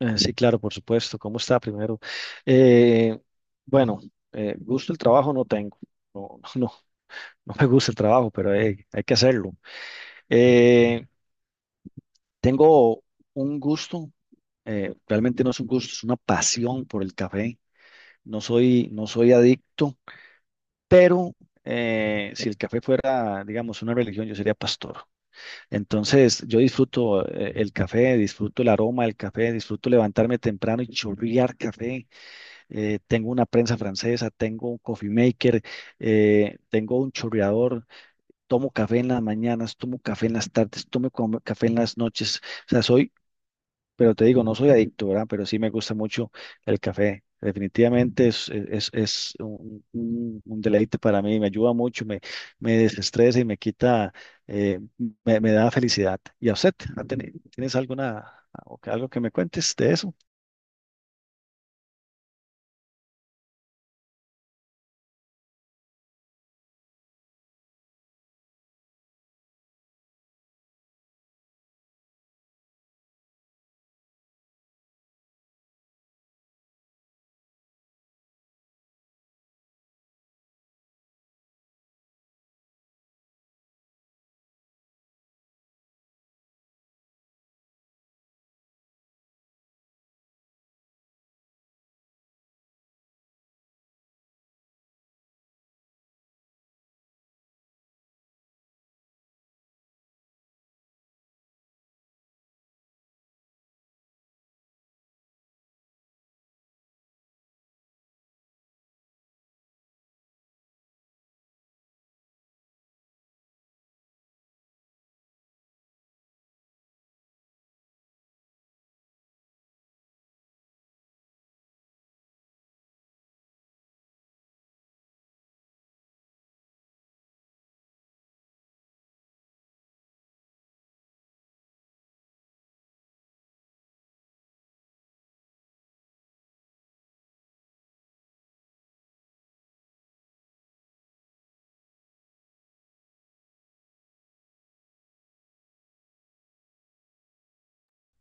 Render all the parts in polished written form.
Sí, claro, por supuesto. ¿Cómo está primero? Eh, bueno, gusto el trabajo no tengo. No, no me gusta el trabajo, pero hay que hacerlo. Eh, tengo un gusto, realmente no es un gusto, es una pasión por el café. No soy adicto, pero si el café fuera, digamos, una religión, yo sería pastor. Entonces, yo disfruto el café, disfruto el aroma del café, disfruto levantarme temprano y chorrear café. Tengo una prensa francesa, tengo un coffee maker, tengo un chorreador, tomo café en las mañanas, tomo café en las tardes, café en las noches. O sea, soy, pero te digo, no soy adicto, ¿verdad? Pero sí me gusta mucho el café. Definitivamente es un, un deleite para mí, me ayuda mucho, me desestresa y me quita, eh, me da felicidad. ¿Y a usted? ¿Tienes alguna, algo que me cuentes de eso?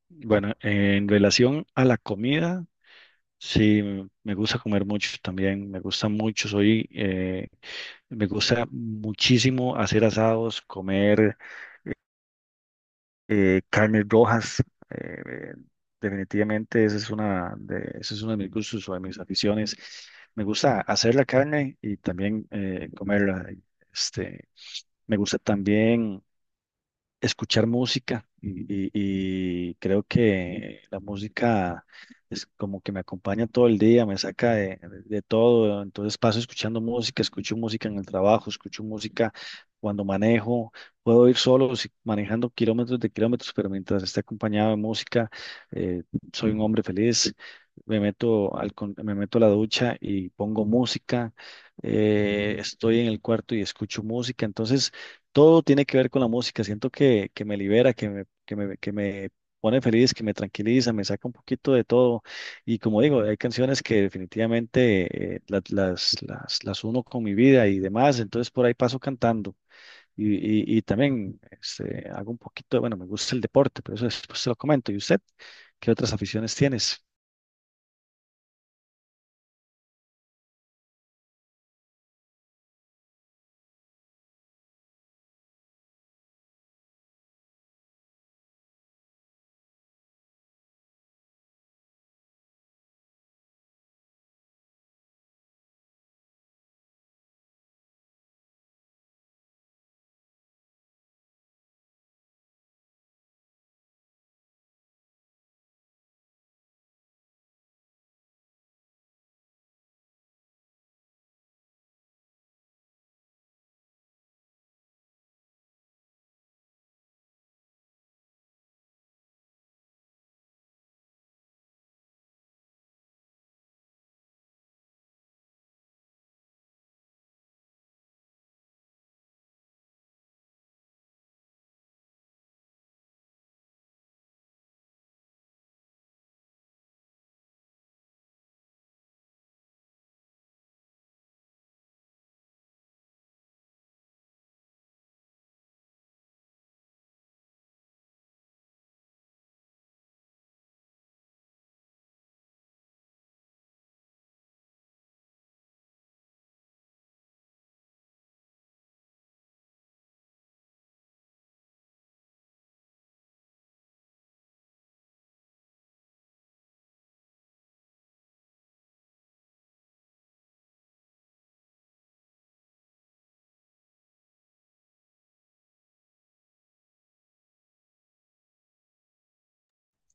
Bueno, en relación a la comida. Sí, me gusta comer mucho también, me gusta mucho, me gusta muchísimo hacer asados, comer carnes rojas, eh, eh, definitivamente esa es una de, ese es uno de mis gustos o de mis aficiones. Me gusta hacer la carne y también comerla. Este, me gusta también escuchar música y creo que la música es como que me acompaña todo el día, me saca de todo, entonces paso escuchando música, escucho música en el trabajo, escucho música cuando manejo, puedo ir solo si- manejando kilómetros de kilómetros, pero mientras esté acompañado de música, eh, soy un hombre feliz. Me meto a la ducha y pongo música, estoy en el cuarto y escucho música, entonces todo tiene que ver con la música. Siento que me libera, que me pone feliz, que me tranquiliza, me saca un poquito de todo. Y como digo, hay canciones que definitivamente las uno con mi vida y demás. Entonces por ahí paso cantando. Y, y también este, hago un poquito, de- bueno, me gusta el deporte, pero eso después se lo comento. ¿Y usted qué otras aficiones tienes?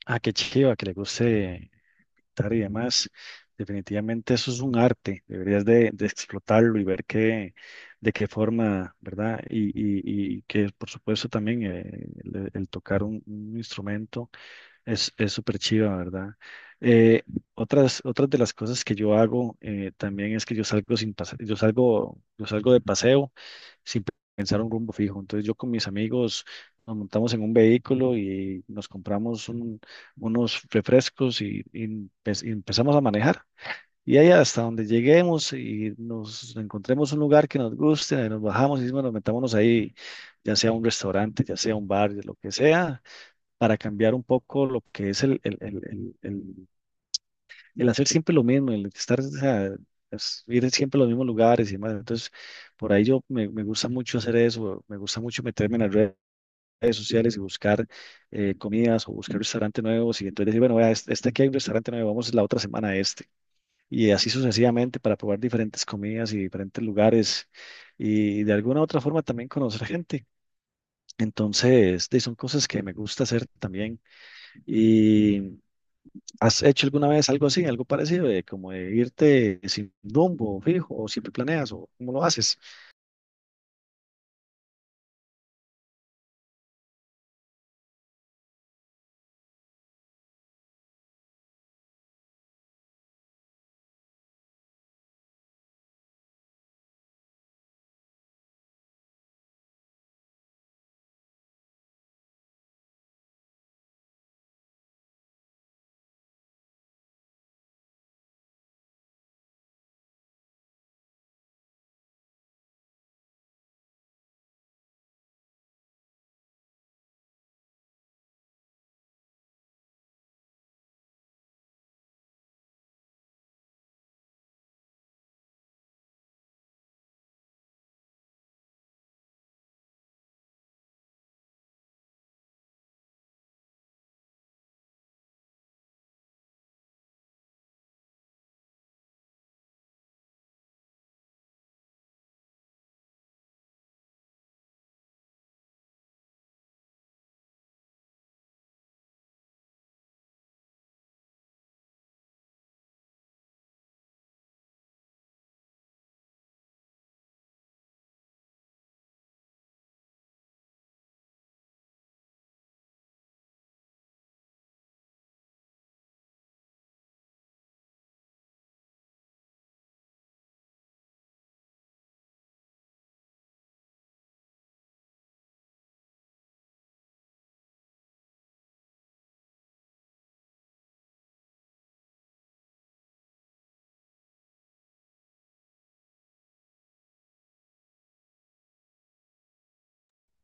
Ah, qué chiva, que le guste pintar y demás. Definitivamente eso es un arte, deberías de explotarlo y ver qué, de qué forma, ¿verdad? Y que por supuesto también el tocar un instrumento es súper chiva, ¿verdad? Eh, Otras de las cosas que yo hago también es que yo salgo de paseo sin pensar un rumbo fijo. Entonces yo con mis amigos nos montamos en un vehículo unos refrescos y, y empezamos a manejar. Y ahí hasta donde lleguemos y nos encontremos un lugar que nos guste, nos bajamos y bueno, metámonos ahí, ya sea un restaurante, ya sea un bar, lo que sea para cambiar un poco lo que es el hacer siempre lo mismo, el estar, o sea, es ir siempre a los mismos lugares y demás. Entonces, por ahí yo me gusta mucho hacer eso, me gusta mucho meterme en las redes sociales y buscar comidas o buscar restaurantes nuevos y entonces decir, bueno, vea, este aquí hay un restaurante nuevo, vamos la otra semana a este y así sucesivamente para probar diferentes comidas y diferentes lugares y de alguna u otra forma también conocer gente. Entonces, son cosas que me gusta hacer también. Y, ¿has hecho alguna vez algo así, algo parecido, de como de irte sin rumbo fijo o siempre planeas o cómo lo haces?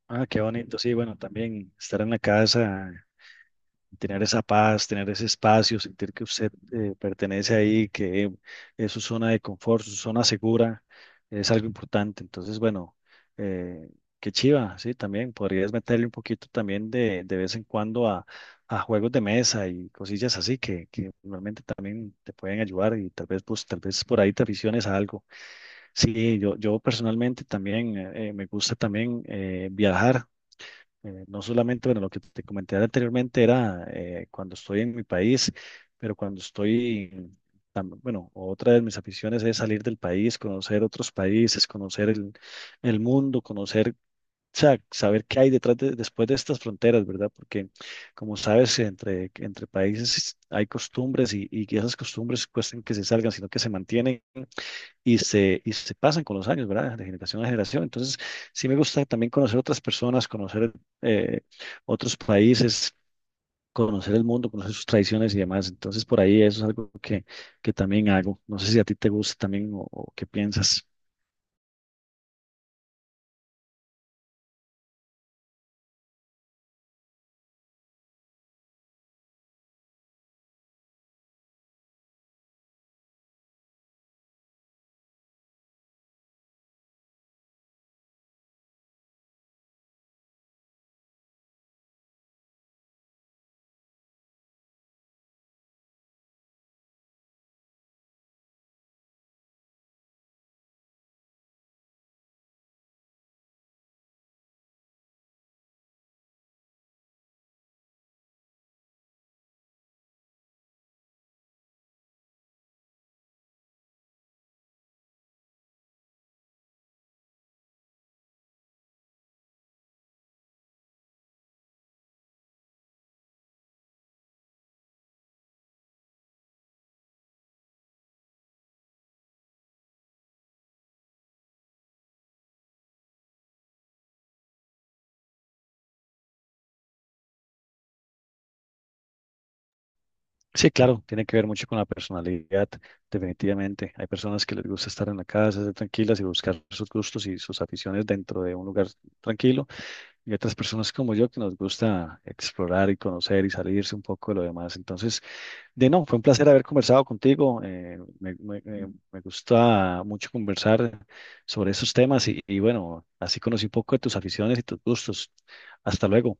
Ah, qué bonito, sí, bueno, también estar en la casa, tener esa paz, tener ese espacio, sentir que usted pertenece ahí, que es su zona de confort, su zona segura, es algo importante. Entonces, bueno, eh, qué chiva, sí, también podrías meterle un poquito también de vez en cuando a juegos de mesa y cosillas así que realmente también te pueden ayudar y tal vez, pues, tal vez por ahí te aficiones a algo. Sí, yo personalmente también me gusta también viajar. No solamente, bueno, lo que te comenté anteriormente era cuando estoy en mi país, pero cuando estoy, bueno, otra de mis aficiones es salir del país, conocer otros países, conocer el mundo, conocer, o sea, saber qué hay detrás de, después de estas fronteras, ¿verdad? Porque, como sabes, entre países hay costumbres y que esas costumbres cuestan que se salgan, sino que se mantienen y se pasan con los años, ¿verdad? De generación a generación. Entonces, sí me gusta también conocer otras personas, conocer eh, otros países, conocer el mundo, conocer sus tradiciones y demás. Entonces, por ahí eso es algo que también hago. No sé si a ti te gusta también o qué piensas. Sí, claro, tiene que ver mucho con la personalidad, definitivamente. Hay personas que les gusta estar en la casa, ser tranquilas y buscar sus gustos y sus aficiones dentro de un lugar tranquilo. Y otras personas como yo que nos gusta explorar y conocer y salirse un poco de lo demás. Entonces, de no, fue un placer haber conversado contigo. Me gusta mucho conversar sobre esos temas y bueno, así conocí un poco de tus aficiones y tus gustos. Hasta luego.